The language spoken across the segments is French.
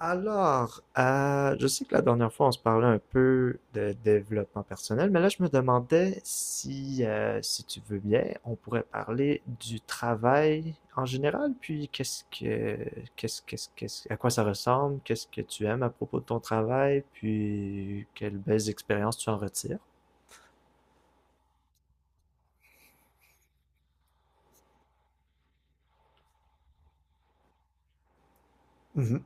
Je sais que la dernière fois, on se parlait un peu de développement personnel, mais là, je me demandais si, si tu veux bien, on pourrait parler du travail en général, puis qu'est-ce que, qu'est-ce, qu'est-ce, qu'est-ce, à quoi ça ressemble, qu'est-ce que tu aimes à propos de ton travail, puis quelles belles expériences tu en retires. Oui.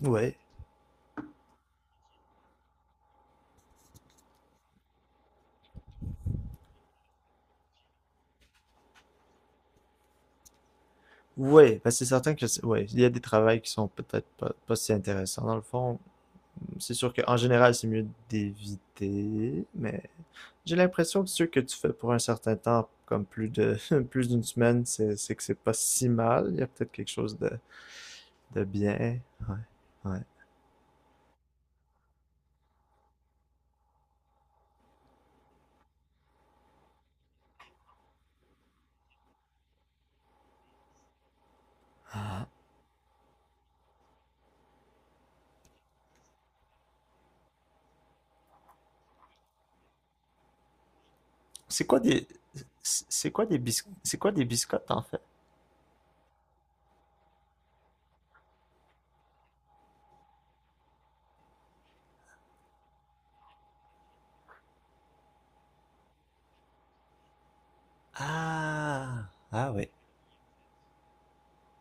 Ouais. Ouais, ben c'est certain que, ouais, il y a des travails qui sont peut-être pas si intéressants. Dans le fond, c'est sûr qu'en général, c'est mieux d'éviter, mais j'ai l'impression que ce que tu fais pour un certain temps, comme plus de plus d'une semaine, c'est pas si mal. Il y a peut-être quelque chose de bien. Ouais, ouais. C'est quoi des c'est quoi des biscottes en fait? Ah, ah oui.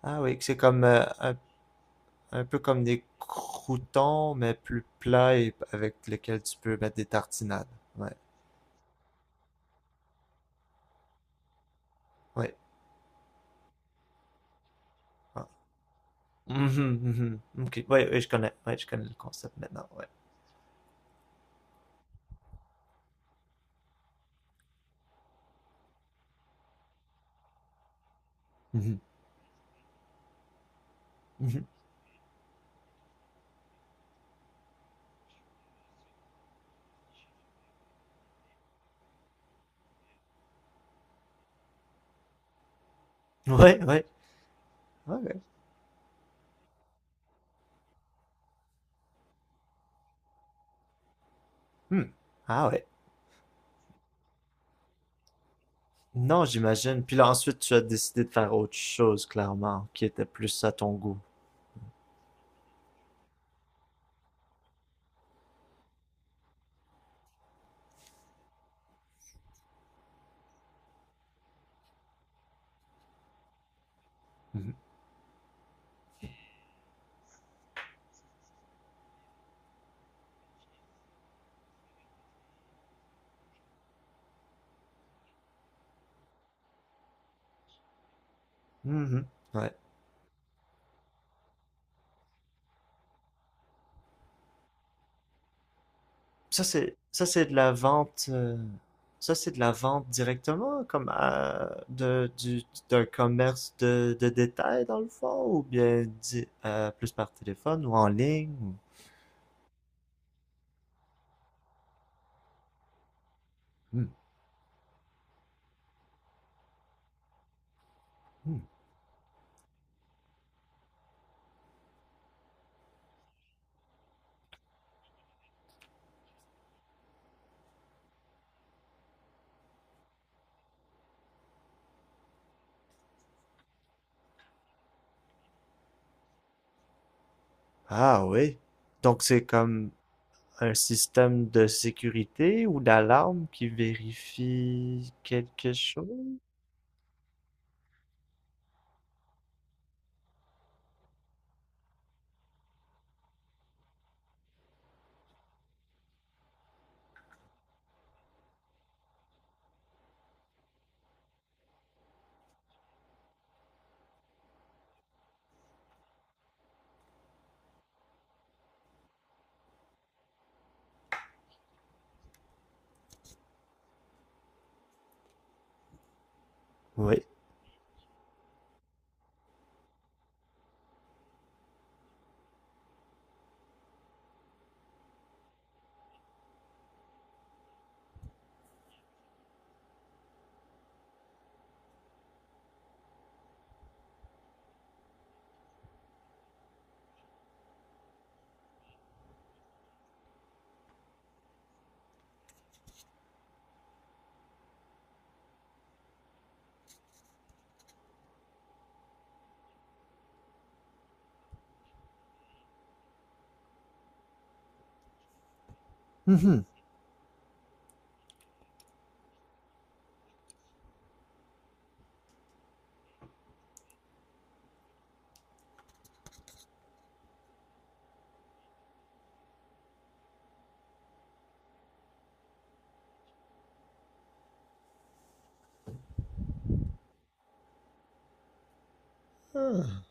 Ah oui, que c'est comme un peu comme des croûtons mais plus plats et avec lesquels tu peux mettre des tartinades. Ouais, ouais. Ah. Mhm, mhm. Ok, ouais, ouais, je connais le concept maintenant. Ouais. Mhm, mhm. Ouais, ouais. Ok. Hmm. Ah ouais. Non, j'imagine. Puis là, ensuite, tu as décidé de faire autre chose, clairement, qui était plus à ton goût. Mhm. Mhm. Ouais. Ça, c'est, ça, c'est de la vente, euh, Ça, c'est de la vente directement, comme d'un commerce de détail, dans le fond, ou bien plus par téléphone ou en ligne. Ou… Hmm. Hmm. Ah oui. Donc, c'est comme un système de sécurité ou d'alarme qui vérifie quelque chose? Oui. Mhm. Ah,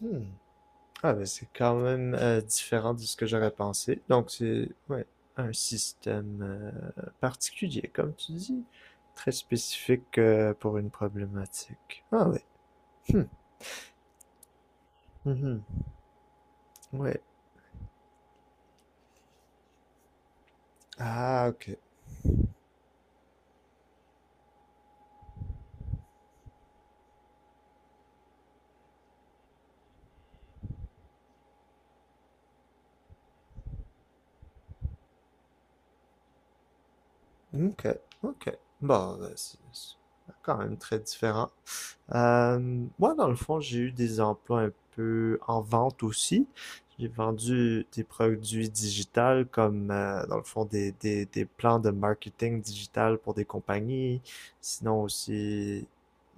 hmm. Ah, mais c'est quand même différent de ce que j'aurais pensé. Donc, c'est ouais, un système particulier, comme tu dis, très spécifique pour une problématique. Ah oui. Hmm. Mhm. Ouais. Ah, ok. Ok. Ok. Bon, ben, c'est quand même très différent. Moi, dans le fond, j'ai eu des emplois un peu en vente aussi. J'ai vendu des produits digitales comme, dans le fond, des plans de marketing digital pour des compagnies, sinon aussi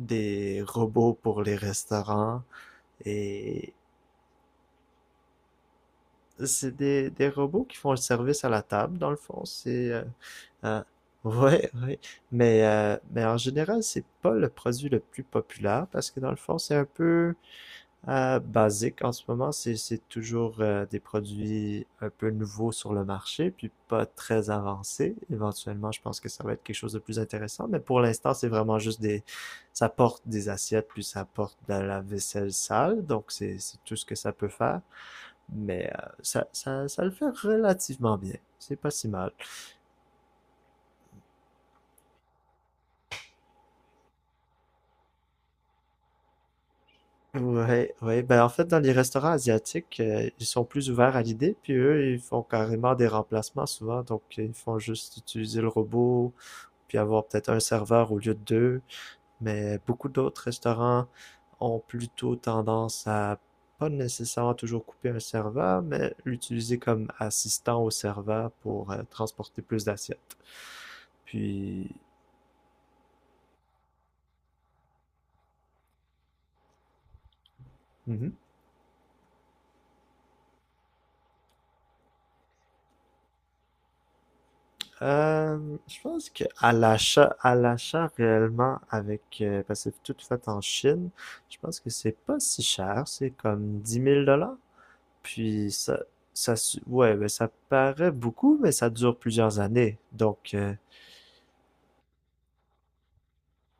des robots pour les restaurants. Et c'est des robots qui font le service à la table, dans le fond. Euh, ouais, ouais. Mais en général, c'est pas le produit le plus populaire parce que dans le fond, c'est un peu basique en ce moment, c'est toujours des produits un peu nouveaux sur le marché, puis pas très avancés. Éventuellement, je pense que ça va être quelque chose de plus intéressant, mais pour l'instant, c'est vraiment juste des… Ça porte des assiettes, puis ça porte de la vaisselle sale, donc c'est tout ce que ça peut faire. Mais ça le fait relativement bien. C'est pas si mal. Ouais, ouais. Ben, en fait, dans les restaurants asiatiques, ils sont plus ouverts à l'idée, puis eux, ils font carrément des remplacements souvent. Donc, ils font juste utiliser le robot, puis avoir peut-être un serveur au lieu de deux. Mais beaucoup d'autres restaurants ont plutôt tendance à pas nécessairement toujours couper un serveur, mais l'utiliser comme assistant au serveur pour transporter plus d'assiettes. Puis, mhm. Je pense que à l'achat réellement avec, parce que c'est tout fait en Chine, je pense que c'est pas si cher, c'est comme dix mille dollars. Puis ouais, mais ça paraît beaucoup, mais ça dure plusieurs années. Donc,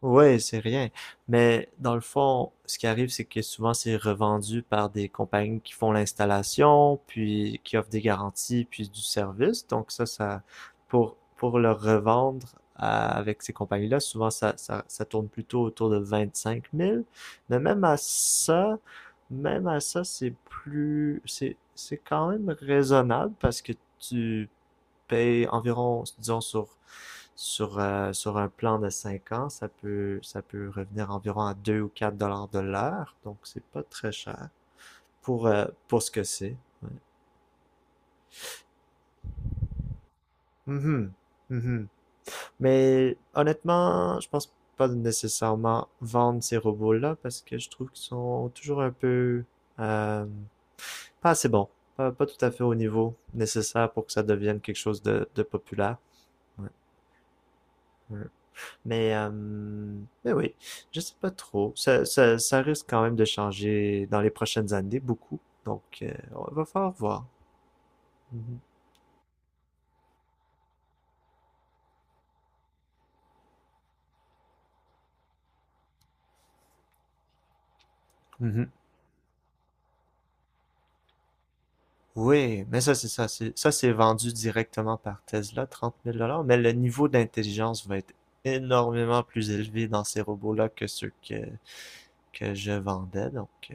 ouais, c'est rien. Mais dans le fond, ce qui arrive, c'est que souvent c'est revendu par des compagnies qui font l'installation, puis qui offrent des garanties, puis du service. Donc ça pour le revendre avec ces compagnies-là, souvent ça tourne plutôt autour de 25 000. Mais même à ça, Même à ça, c'est plus c'est quand même raisonnable parce que tu paye environ, disons, sur un plan de 5 ans, ça peut revenir environ à 2 ou 4 $ de l'heure. Donc, c'est pas très cher pour ce que c'est. Ouais. Mhm. Mhm. Mais honnêtement, je pense pas nécessairement vendre ces robots-là parce que je trouve qu'ils sont toujours un peu euh, pas assez bons, pas tout à fait au niveau nécessaire pour que ça devienne quelque chose de populaire. Ouais, ouais. Mais, euh, mais oui, je sais pas trop. Ça risque quand même de changer dans les prochaines années beaucoup. Donc, on va falloir voir. Mhm. Mhm. Oui, mais ça, c'est ça. C'est vendu directement par Tesla, trente mille dollars. Mais le niveau d'intelligence va être énormément plus élevé dans ces robots-là que que je vendais. Donc, euh.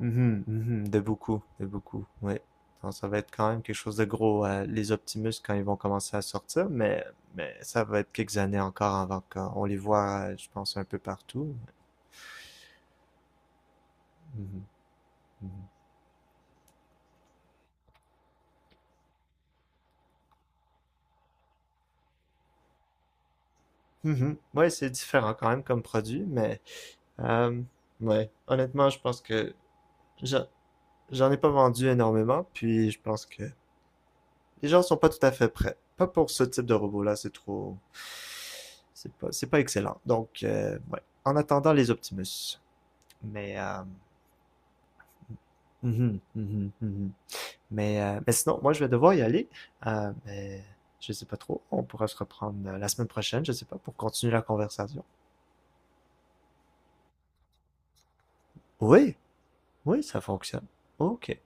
Mhm, mhm, de beaucoup, oui. Non, ça va être quand même quelque chose de gros, les Optimus, quand ils vont commencer à sortir, mais ça va être quelques années encore avant qu'on les voit, je pense, un peu partout. Mhm, mhm. Mhm. Ouais, c'est différent quand même comme produit, mais euh, ouais, honnêtement, je pense que j'en j'en ai pas vendu énormément, puis je pense que les gens sont pas tout à fait prêts. Pas pour ce type de robot-là, c'est trop… c'est pas excellent. Donc, ouais. En attendant les Optimus. Mais, mhm, mhm, mhm. Mais sinon, moi, je vais devoir y aller. Mais je sais pas trop. On pourra se reprendre la semaine prochaine, je sais pas, pour continuer la conversation. Oui, oui, ça fonctionne. Ok.